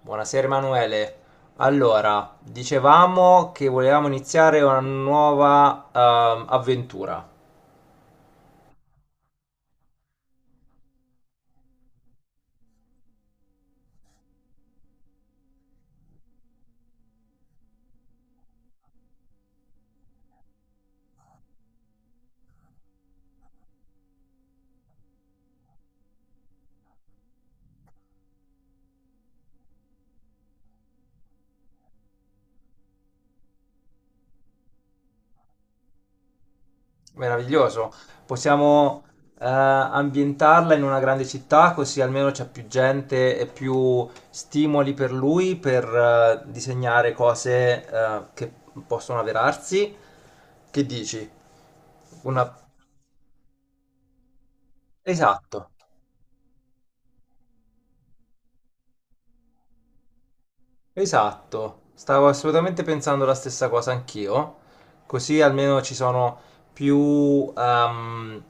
Buonasera Emanuele. Allora, dicevamo che volevamo iniziare una nuova avventura. Meraviglioso. Possiamo ambientarla in una grande città, così almeno c'è più gente e più stimoli per lui per disegnare cose che possono avverarsi. Che dici? Una... Esatto. Esatto, stavo assolutamente pensando la stessa cosa anch'io, così almeno ci sono più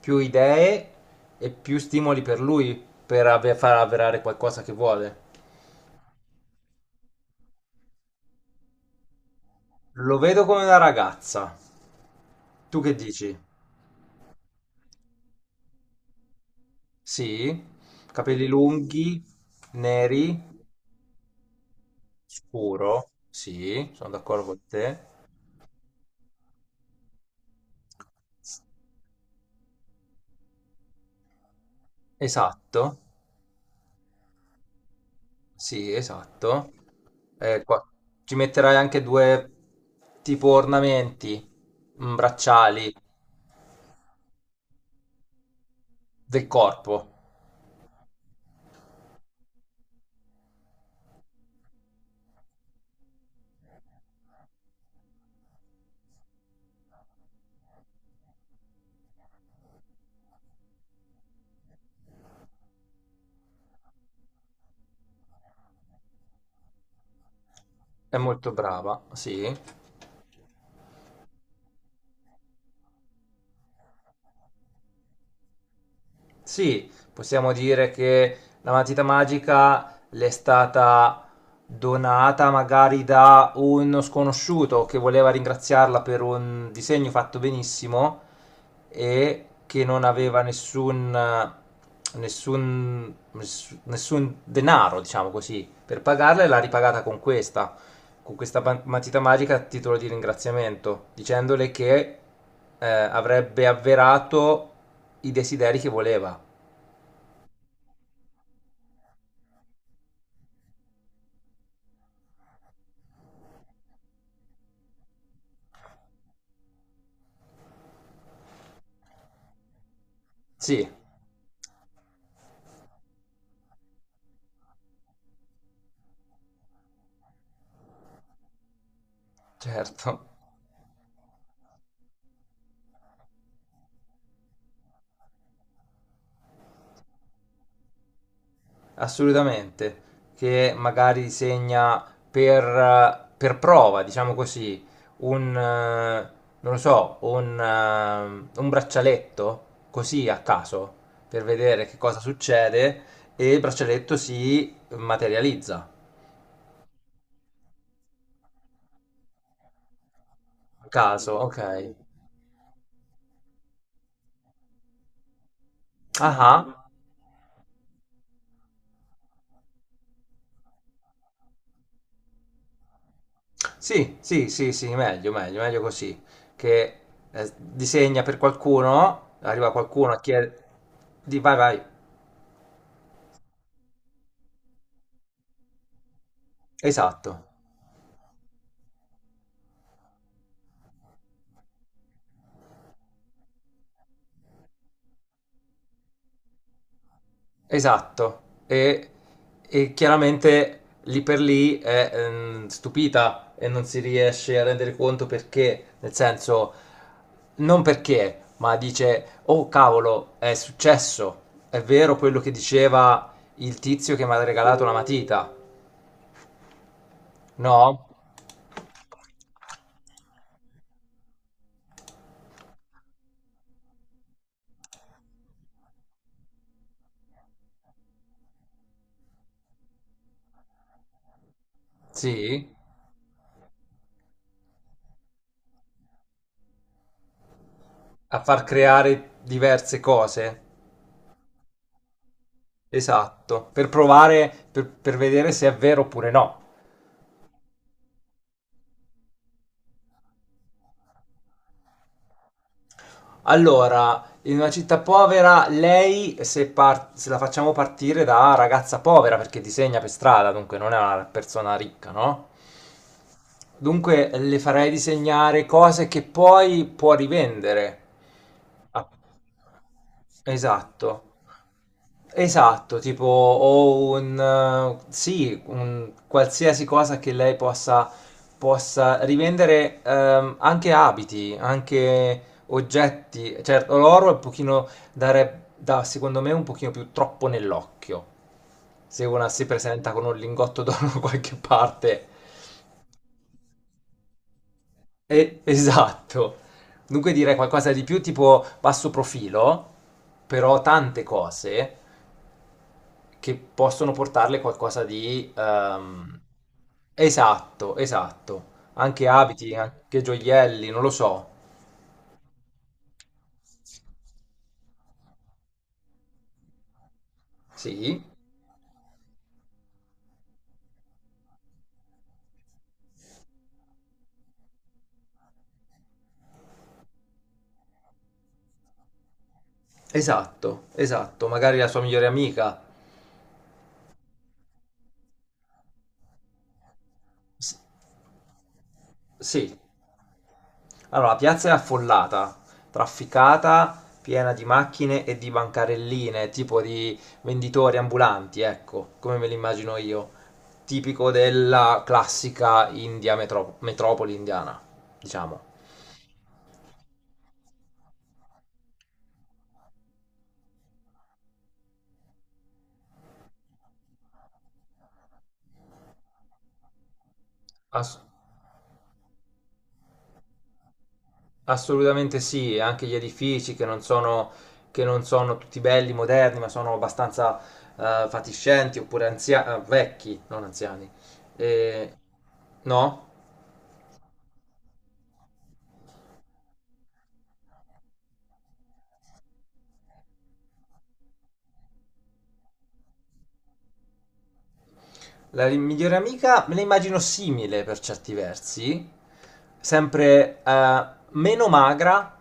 più idee e più stimoli per lui per far avverare qualcosa che vuole. Lo vedo come una ragazza. Tu che dici? Sì, capelli lunghi, neri, scuro. Sì, sono d'accordo con te. Esatto. Sì, esatto. Eh, qua- Ci metterai anche due tipo ornamenti, mm, bracciali del corpo. È molto brava, sì. Sì, possiamo dire che la matita magica le è stata donata magari da uno sconosciuto che voleva ringraziarla per un disegno fatto benissimo e che non aveva nessun denaro, diciamo così, per pagarla e l'ha ripagata con questa matita magica a titolo di ringraziamento, dicendole che avrebbe avverato i desideri che voleva. Sì, certo, assolutamente, che magari segna per prova, diciamo così, un, eh, non lo so, un braccialetto, così a caso, per vedere che cosa succede, e il braccialetto si materializza. A caso, ok. Ah, ah. Sì, sì, sì, sì, meglio così, che disegna per qualcuno, arriva qualcuno a chiedere... Di, vai, vai. Esatto, esatto. E, e chiaramente lì per lì è stupita e non si riesce a rendere conto perché, nel senso, non perché, ma dice, oh cavolo, è successo, è vero quello che diceva il tizio che mi ha regalato la matita, no? Sì, a far creare diverse cose, esatto, per provare, per vedere se è vero oppure no. Allora, in una città povera, lei, se, se la facciamo partire da ragazza povera, perché disegna per strada, dunque non è una persona ricca, no? Dunque le farei disegnare cose che poi può rivendere. Ah, esatto. Esatto, tipo o un, sì, un qualsiasi cosa che lei possa, possa rivendere, anche abiti, anche oggetti. Certo, l'oro è un pochino dare, da, secondo me, un pochino più troppo nell'occhio. Se una si presenta con un lingotto d'oro da qualche parte. Esatto. Dunque direi qualcosa di più tipo basso profilo, però tante cose che possono portarle qualcosa di... esatto, esatto. Anche abiti, anche gioielli, non lo so. Sì, esatto, esatto. Magari la sua migliore amica. S- sì. Allora, la piazza è affollata, trafficata, piena di macchine e di bancarelline, tipo di venditori ambulanti, ecco, come me li immagino io. Tipico della classica India metropoli indiana, diciamo. Ass- Assolutamente sì, e anche gli edifici che non sono tutti belli, moderni, ma sono abbastanza fatiscenti oppure vecchi, non anziani. E- No? La migliore amica me la immagino simile per certi versi, sempre meno magra,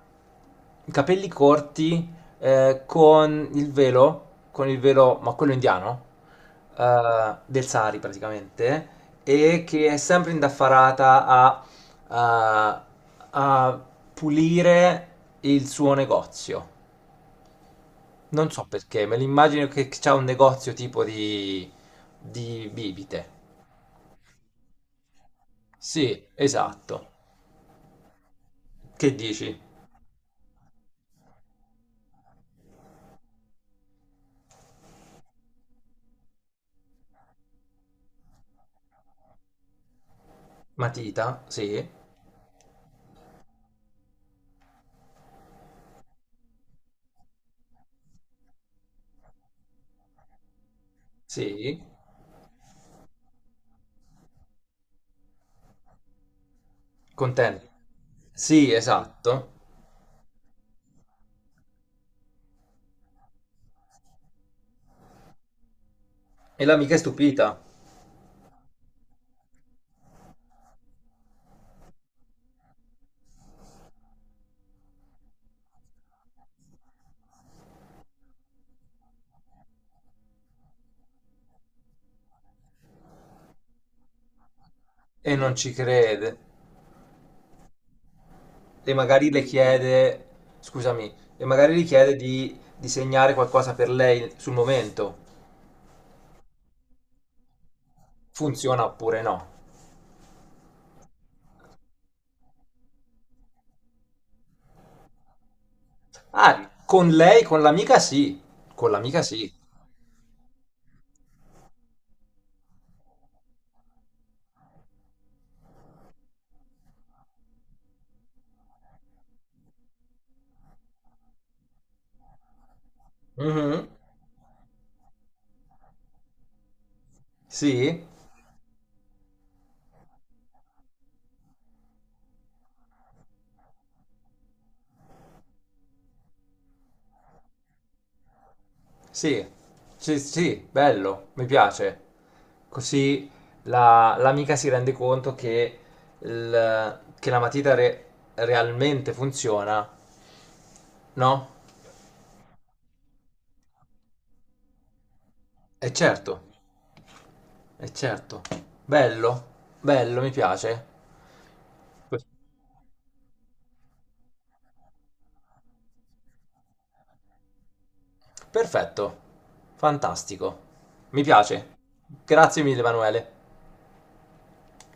capelli corti, eh, con il velo, con il velo, ma quello indiano, del Sari praticamente, e che è sempre indaffarata a- a pulire il suo negozio. Non so perché, me l'immagino che c'ha un negozio tipo di bibite. Sì, esatto. Che dici? Matita? Sì, sì, contento. Sì, esatto. E l'amica è stupita e non ci crede. E magari le chiede, scusami, e magari le chiede di disegnare qualcosa per lei sul momento. Funziona oppure no? Ah, con lei, con l'amica sì. Con l'amica sì. Mhm. Sì? Sì, sì, sì, bello, mi piace. Così l'amica si rende conto che, che la matita realmente funziona, no? E certo, è certo. Bello, bello, mi piace. Perfetto, fantastico. Mi piace. Grazie mille, Emanuele.